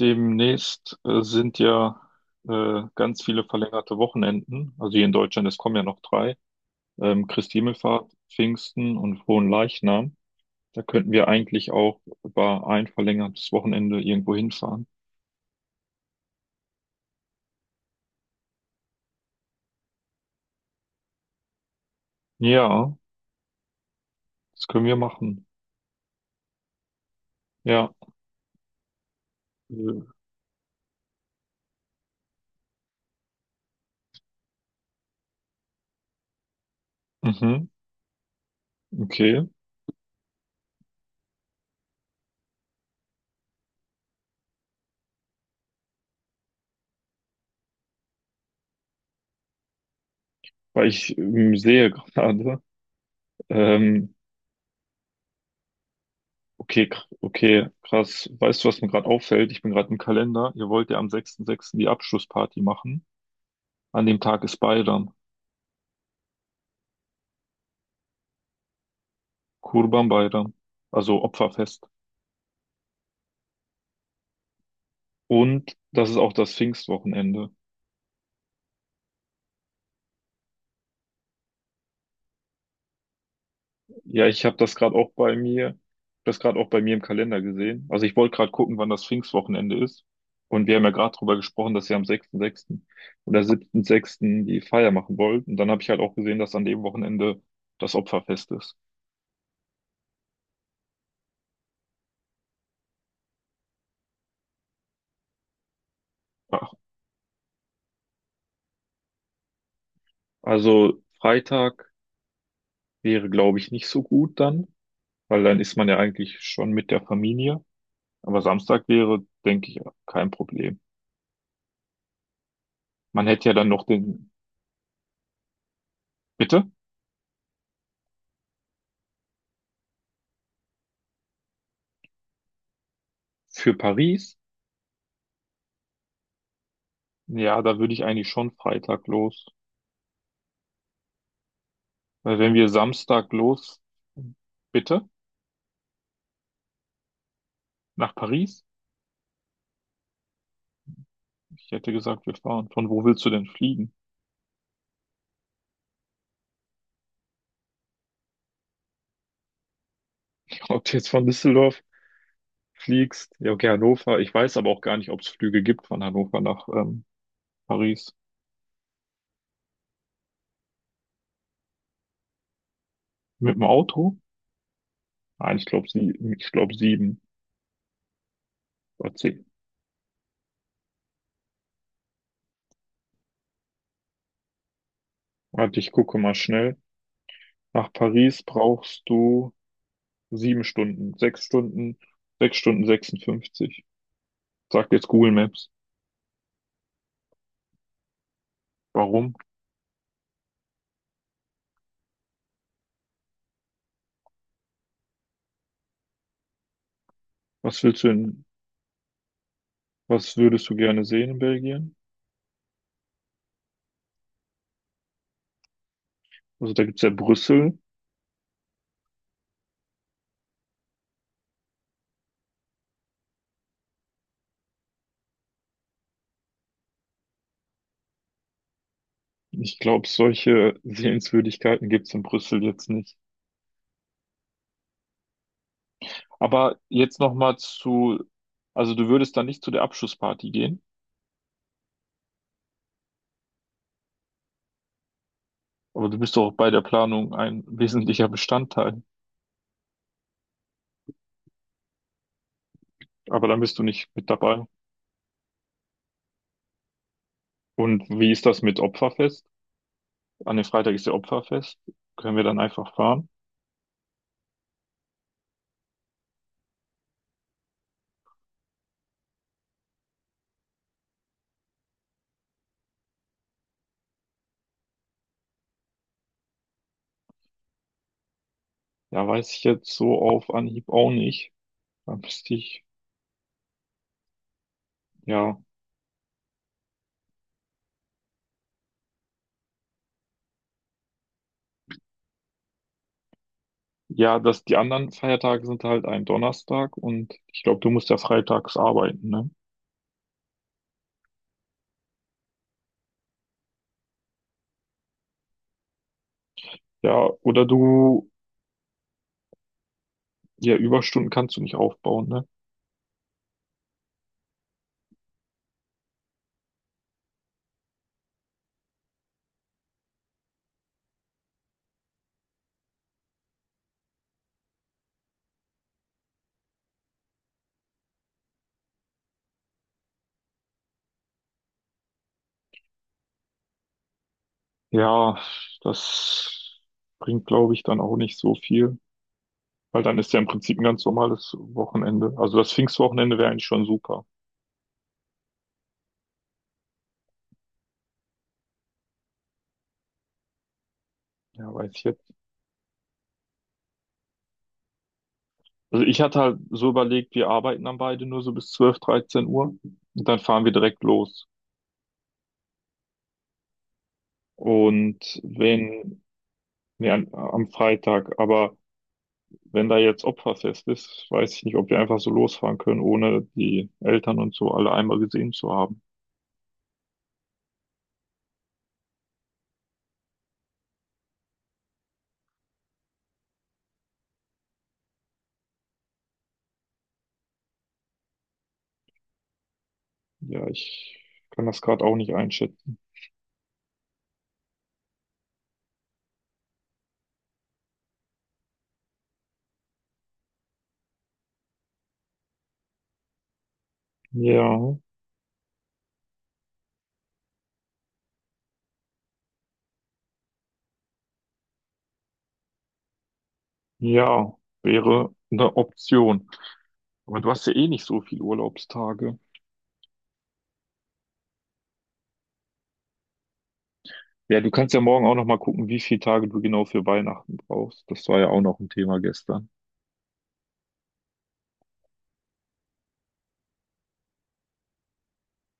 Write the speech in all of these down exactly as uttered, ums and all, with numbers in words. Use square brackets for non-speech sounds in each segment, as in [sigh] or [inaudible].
Demnächst äh, sind ja äh, ganz viele verlängerte Wochenenden. Also hier in Deutschland, es kommen ja noch drei. Ähm, Christi Himmelfahrt, Pfingsten und Frohen Leichnam. Da könnten wir eigentlich auch über ein verlängertes Wochenende irgendwo hinfahren. Ja, das können wir machen. Ja. Äh, Mhm, okay. Weil ich ähm, sehe gerade, ähm, okay, kr- okay, krass. Weißt du, was mir gerade auffällt? Ich bin gerade im Kalender. Ihr wollt ja am sechsten Juni die Abschlussparty machen. An dem Tag ist Bayram. Kurban Bayram, also Opferfest. Und das ist auch das Pfingstwochenende. Ja, ich habe das gerade auch bei mir, das gerade auch bei mir im Kalender gesehen. Also ich wollte gerade gucken, wann das Pfingstwochenende ist. Und wir haben ja gerade drüber gesprochen, dass wir am sechsten Juni oder siebten Sechsten die Feier machen wollt. Und dann habe ich halt auch gesehen, dass an dem Wochenende das Opferfest ist. Ach, also Freitag wäre, glaube ich, nicht so gut dann, weil dann ist man ja eigentlich schon mit der Familie. Aber Samstag wäre, denke ich, kein Problem. Man hätte ja dann noch den, bitte? Für Paris? Ja, da würde ich eigentlich schon Freitag los. Weil wenn wir Samstag los, bitte? Nach Paris? Ich hätte gesagt, wir fahren. Von wo willst du denn fliegen? [laughs] Ob du jetzt von Düsseldorf fliegst? Ja, okay, Hannover. Ich weiß aber auch gar nicht, ob es Flüge gibt von Hannover nach ähm, Paris. Mit dem Auto? Nein, ich glaube sie, ich glaube sieben oder zehn. Warte, ich gucke mal schnell. Nach Paris brauchst du sieben Stunden, sechs Stunden, sechs Stunden sechsundfünfzig. Sagt jetzt Google Maps. Warum? Was willst du in, was würdest du gerne sehen in Belgien? Also da gibt's ja Brüssel. Ich glaube, solche [laughs] Sehenswürdigkeiten gibt's in Brüssel jetzt nicht. Aber jetzt nochmal zu, also du würdest dann nicht zu der Abschlussparty gehen, aber du bist doch bei der Planung ein [laughs] wesentlicher Bestandteil. Aber dann bist du nicht mit dabei. Und wie ist das mit Opferfest? An dem Freitag ist ja Opferfest. Können wir dann einfach fahren? Ja, weiß ich jetzt so auf Anhieb auch nicht. Dann müsste ich, ja. Ja, dass die anderen Feiertage sind halt ein Donnerstag und ich glaube, du musst ja freitags arbeiten, ne? Ja, oder du, ja, Überstunden kannst du nicht aufbauen, ne? Ja, das bringt, glaube ich, dann auch nicht so viel, weil dann ist ja im Prinzip ein ganz normales Wochenende. Also das Pfingstwochenende wäre eigentlich schon super. Ja, weiß ich jetzt. Also ich hatte halt so überlegt, wir arbeiten dann beide nur so bis zwölf dreizehn Uhr und dann fahren wir direkt los. Und wenn, nee, an, am Freitag, aber Wenn da jetzt Opferfest ist, weiß ich nicht, ob wir einfach so losfahren können, ohne die Eltern und so alle einmal gesehen zu haben. Ja, ich kann das gerade auch nicht einschätzen. Ja, ja, wäre eine Option. Aber du hast ja eh nicht so viele Urlaubstage. Ja, du kannst ja morgen auch noch mal gucken, wie viele Tage du genau für Weihnachten brauchst. Das war ja auch noch ein Thema gestern.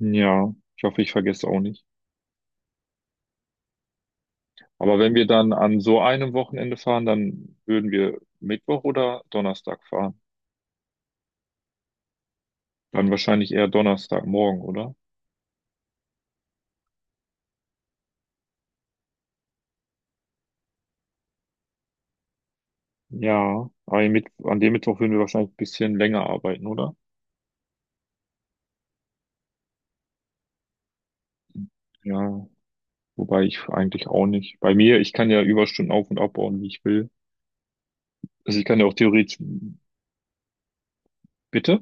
Ja, ich hoffe, ich vergesse auch nicht. Aber wenn wir dann an so einem Wochenende fahren, dann würden wir Mittwoch oder Donnerstag fahren. Dann wahrscheinlich eher Donnerstagmorgen, oder? Ja, aber mit, an dem Mittwoch würden wir wahrscheinlich ein bisschen länger arbeiten, oder? Ja, wobei ich eigentlich auch nicht. Bei mir, ich kann ja Überstunden auf- und abbauen, wie ich will. Also ich kann ja auch theoretisch, bitte.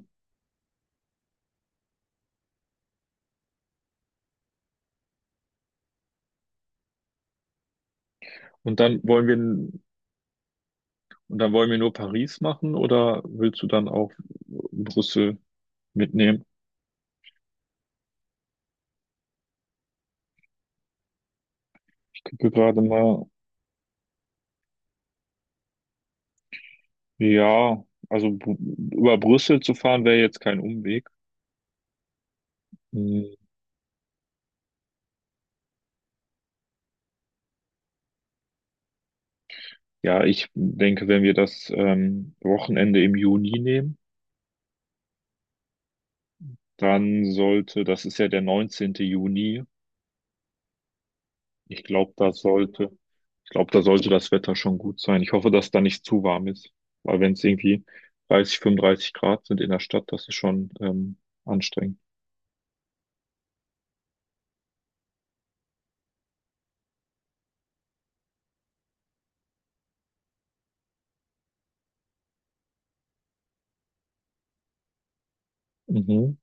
Und dann wollen wir, und dann wollen wir nur Paris machen oder willst du dann auch Brüssel mitnehmen? Ich gucke gerade mal, ja, also Br- über Brüssel zu fahren wäre jetzt kein Umweg. Hm, Ja, ich denke, wenn wir das ähm, Wochenende im Juni nehmen, Dann sollte, das ist ja der neunzehnte Juni. Ich glaube, da sollte, ich glaube, da sollte das Wetter schon gut sein. Ich hoffe, dass da nicht zu warm ist. Weil wenn es irgendwie dreißig, fünfunddreißig Grad sind in der Stadt, das ist schon ähm, anstrengend. Mhm.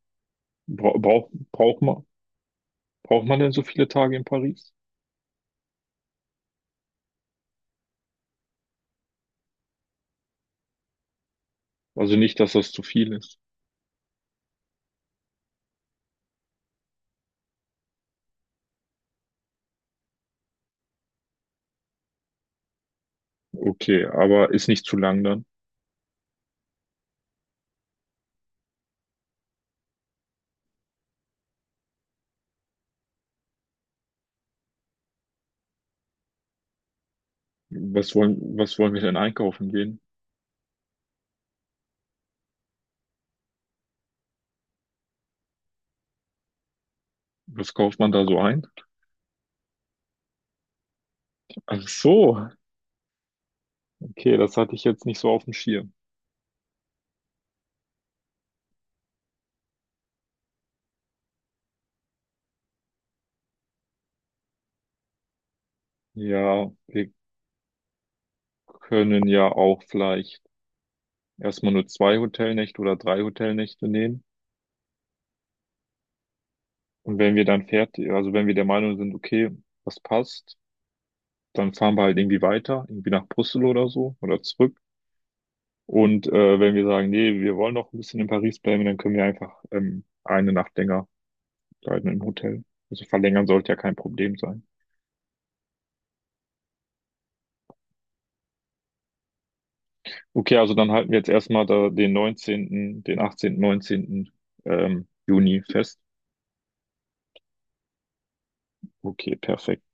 Bra braucht, braucht man, braucht man denn so viele Tage in Paris? Also nicht, dass das zu viel ist. Okay, aber ist nicht zu lang dann. Was wollen, was wollen wir denn einkaufen gehen? Was kauft man da so ein? Ach so, okay, das hatte ich jetzt nicht so auf dem Schirm. Ja, wir können ja auch vielleicht erstmal nur zwei Hotelnächte oder drei Hotelnächte nehmen. Und wenn wir dann fertig, also wenn wir der Meinung sind, okay, das passt, dann fahren wir halt irgendwie weiter, irgendwie nach Brüssel oder so oder zurück. Und äh, wenn wir sagen, nee, wir wollen noch ein bisschen in Paris bleiben, dann können wir einfach ähm, eine Nacht länger bleiben im Hotel. Also verlängern sollte ja kein Problem sein. Okay, also dann halten wir jetzt erstmal da den neunzehnten., den achtzehnten., neunzehnten. Ähm, Juni fest. Okay, perfekt.